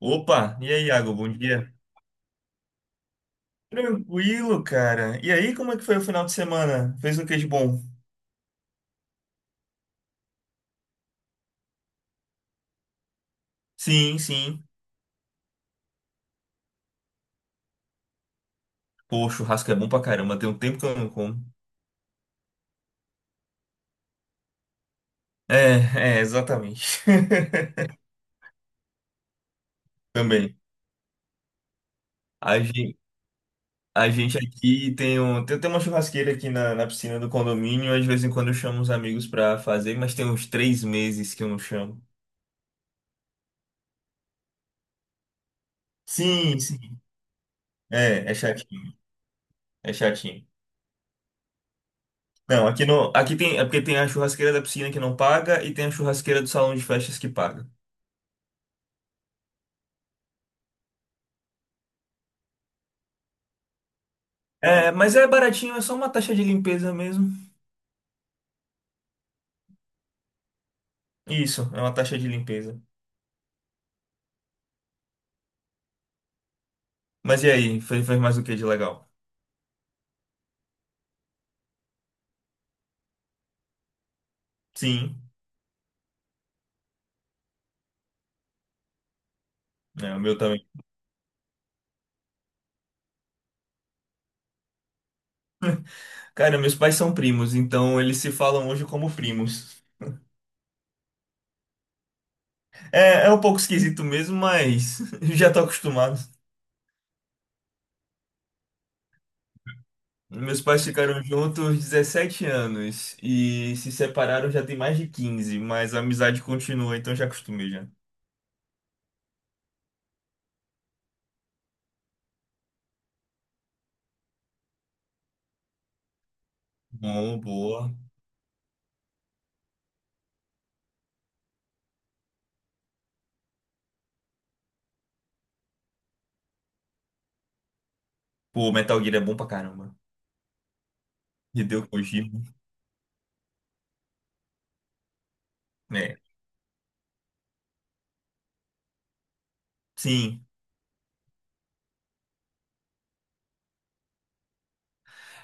Opa, e aí, Iago, bom dia. Tranquilo, cara. E aí, como é que foi o final de semana? Fez o que de bom? Sim, sim. Pô, churrasco é bom pra caramba, tem um tempo que eu não como. Exatamente. Também. A gente, a gente aqui tem uma churrasqueira aqui na piscina do condomínio, às de vez em quando eu chamo os amigos pra fazer, mas tem uns 3 meses que eu não chamo. Sim, sim. É, chatinho, é chatinho. Não, aqui no, aqui tem, é porque tem a churrasqueira da piscina que não paga e tem a churrasqueira do salão de festas que paga. É, mas é baratinho, é só uma taxa de limpeza mesmo. Isso, é uma taxa de limpeza. Mas e aí, fez mais o que de legal? Sim, é, o meu também. Cara, meus pais são primos, então eles se falam hoje como primos. É, é um pouco esquisito mesmo, mas já tô acostumado. Meus pais ficaram juntos 17 anos e se separaram já tem mais de 15, mas a amizade continua, então já acostumei já. Bom, boa. Pô, Metal Gear é bom pra caramba. Hideo Kojima, né? Sim.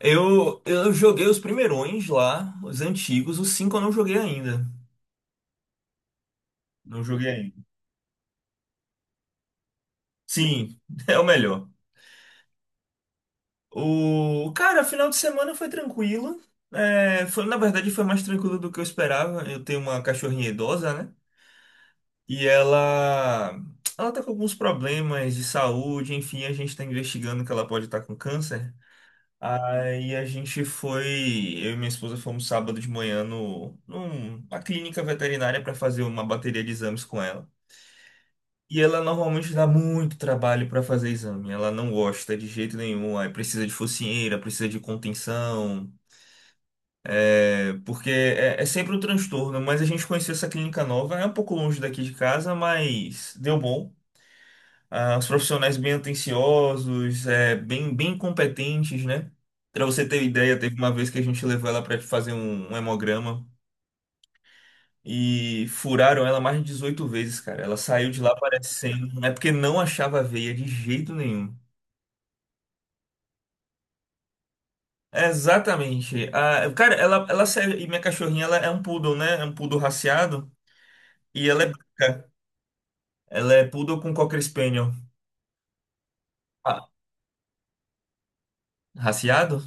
Eu joguei os primeirões lá, os antigos, os cinco eu não joguei ainda. Não joguei ainda. Sim, é o melhor. O cara, final de semana foi tranquilo. É, foi, na verdade, foi mais tranquilo do que eu esperava. Eu tenho uma cachorrinha idosa, né? E ela tá com alguns problemas de saúde. Enfim, a gente tá investigando que ela pode estar com câncer. Aí a gente foi, eu e minha esposa fomos sábado de manhã no, numa clínica veterinária para fazer uma bateria de exames com ela. E ela normalmente dá muito trabalho para fazer exame. Ela não gosta de jeito nenhum. Aí precisa de focinheira, precisa de contenção, é, porque é sempre um transtorno. Mas a gente conheceu essa clínica nova, é um pouco longe daqui de casa, mas deu bom. Ah, os profissionais bem atenciosos, é, bem competentes, né? Para você ter ideia, teve uma vez que a gente levou ela para fazer um hemograma. E furaram ela mais de 18 vezes, cara. Ela saiu de lá parecendo. É porque não achava a veia de jeito nenhum. Exatamente. Ah, cara, ela serve. E minha cachorrinha, ela é um poodle, né? É um poodle raciado. E ela é branca. Ela é poodle com Cocker Spaniel. Ah, raciado?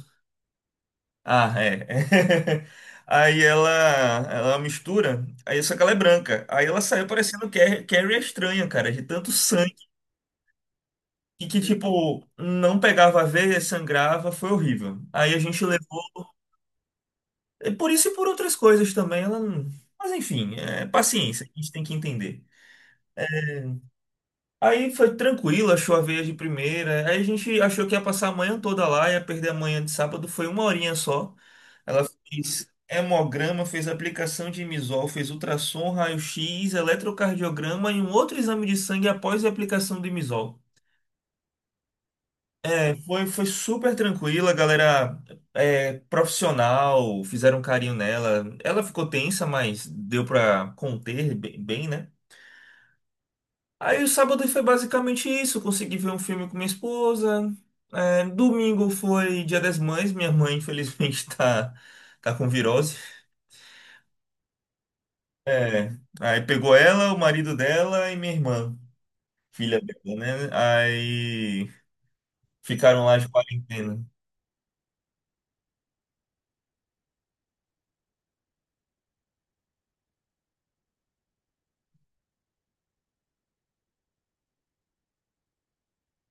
Ah, é. Aí ela mistura. Aí só que ela é branca. Aí ela saiu parecendo Carrie a estranha, cara, de tanto sangue. E que, tipo, não pegava a veia, sangrava, foi horrível. Aí a gente levou. É por isso e por outras coisas também. Ela não. Mas enfim, é paciência, a gente tem que entender. Aí foi tranquilo, achou a veia de primeira. Aí a gente achou que ia passar a manhã toda lá, ia perder a manhã de sábado, foi uma horinha só. Ela fez hemograma, fez aplicação de imisol, fez ultrassom, raio-x, eletrocardiograma e um outro exame de sangue após a aplicação do imisol. É, foi super tranquila, a galera é, profissional, fizeram um carinho nela. Ela ficou tensa, mas deu pra conter bem, bem, né? Aí o sábado foi basicamente isso. Consegui ver um filme com minha esposa. É, domingo foi Dia das Mães. Minha mãe, infelizmente, tá com virose. É, aí pegou ela, o marido dela e minha irmã, filha dela, né? Aí ficaram lá de quarentena.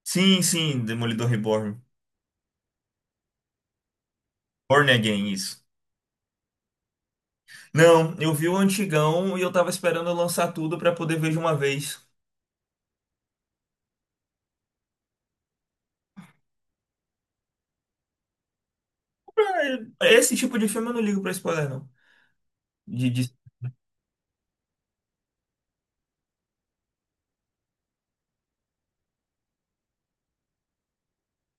Sim, sim, Demolidor Reborn. Born Again, isso. Não, eu vi o antigão e eu tava esperando eu lançar tudo pra poder ver de uma vez. Pra- Esse tipo de filme eu não ligo pra spoiler, não. De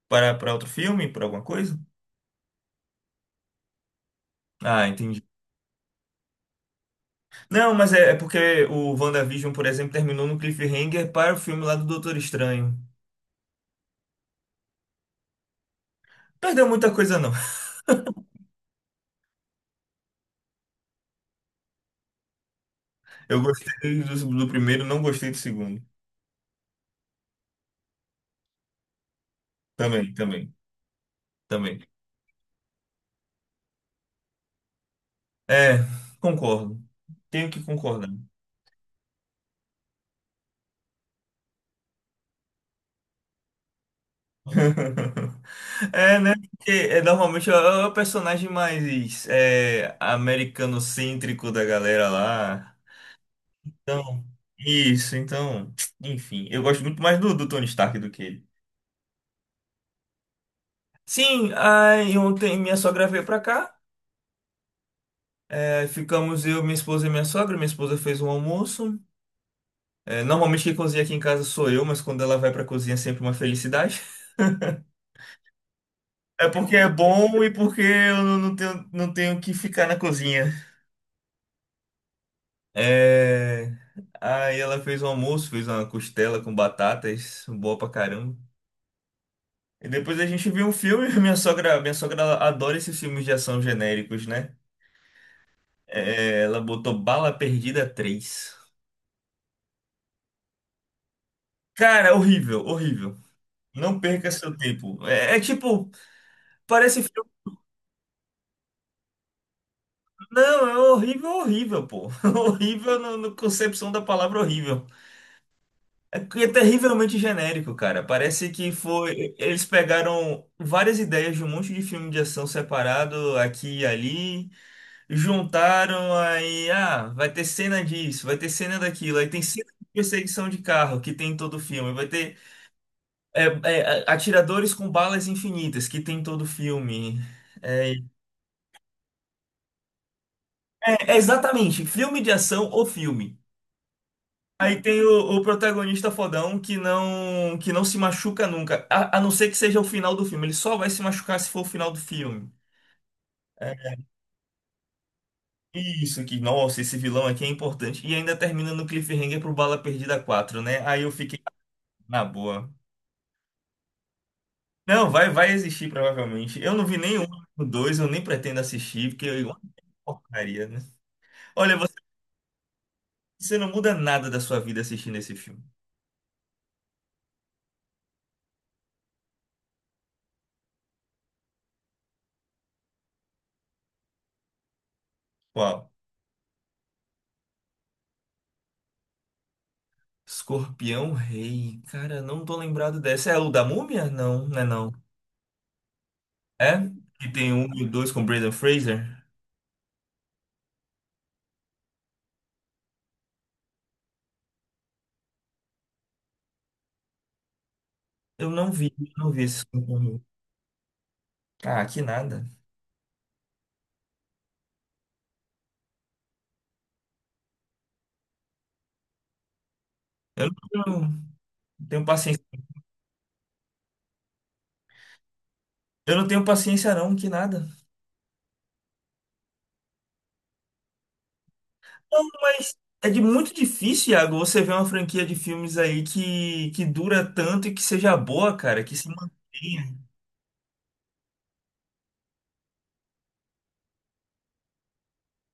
Para, outro filme? Para alguma coisa? Ah, entendi. Não, mas é porque o WandaVision, por exemplo, terminou no cliffhanger para o filme lá do Doutor Estranho. Perdeu muita coisa, não. Eu gostei do primeiro, não gostei do segundo. Também, também, também. É, concordo. Tenho que concordar. É, né? Porque é, normalmente é o personagem mais é, americanocêntrico da galera lá. Então, isso, então, enfim. Eu gosto muito mais do Tony Stark do que ele. Sim, aí ontem minha sogra veio pra cá. É, ficamos eu, minha esposa e minha sogra. Minha esposa fez um almoço. É, normalmente quem cozinha aqui em casa sou eu, mas quando ela vai pra cozinha é sempre uma felicidade. É porque é bom e porque eu não tenho que ficar na cozinha. É, aí ela fez um almoço, fez uma costela com batatas, boa pra caramba. E depois a gente viu um filme. Minha sogra ela adora esses filmes de ação genéricos, né? É, ela botou Bala Perdida 3. Cara, horrível, horrível. Não perca seu tempo. É, tipo, parece filme. Não, é horrível, horrível, pô. Horrível no concepção da palavra horrível. É, que é terrivelmente genérico, cara. Parece que foi. Eles pegaram várias ideias de um monte de filme de ação separado aqui e ali, juntaram aí, ah, vai ter cena disso, vai ter cena daquilo, aí tem cena de perseguição de carro que tem em todo filme, vai ter. Atiradores com balas infinitas, que tem em todo filme. É, exatamente, filme de ação ou filme. Aí tem o protagonista fodão que não se machuca nunca, a não ser que seja o final do filme. Ele só vai se machucar se for o final do filme. É, isso que, nossa, esse vilão aqui é importante. E ainda termina no cliffhanger pro Bala Perdida 4, né? Aí eu fiquei na boa. Não, vai existir provavelmente. Eu não vi nenhum, dois, eu nem pretendo assistir, porque eu porcaria, né? Olha, você não muda nada da sua vida assistindo esse filme. Qual? Escorpião Rei. Cara, não tô lembrado dessa. É o da Múmia? Não, não é não. É? Que tem um e o dois com Brendan Fraser? Eu não vi esse Escorpião Rei. Ah, que nada. Eu não tenho, tenho paciência. Eu não tenho paciência não, que nada. Não, mas é de muito difícil, Iago, você ver uma franquia de filmes aí que dura tanto e que seja boa, cara, que se mantenha.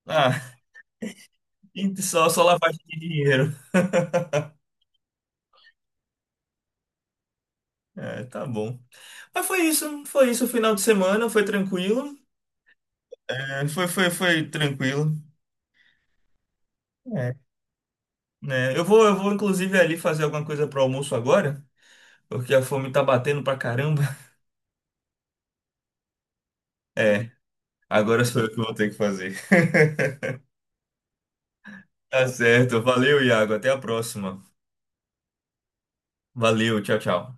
Ah, só lavagem de dinheiro. É, tá bom. Ah, foi isso o final de semana, foi tranquilo. É, foi tranquilo. É. Né, eu vou inclusive ali fazer alguma coisa pro almoço agora, porque a fome tá batendo pra caramba. É, agora sou eu que vou ter que fazer. Tá certo, valeu, Iago, até a próxima. Valeu, tchau, tchau.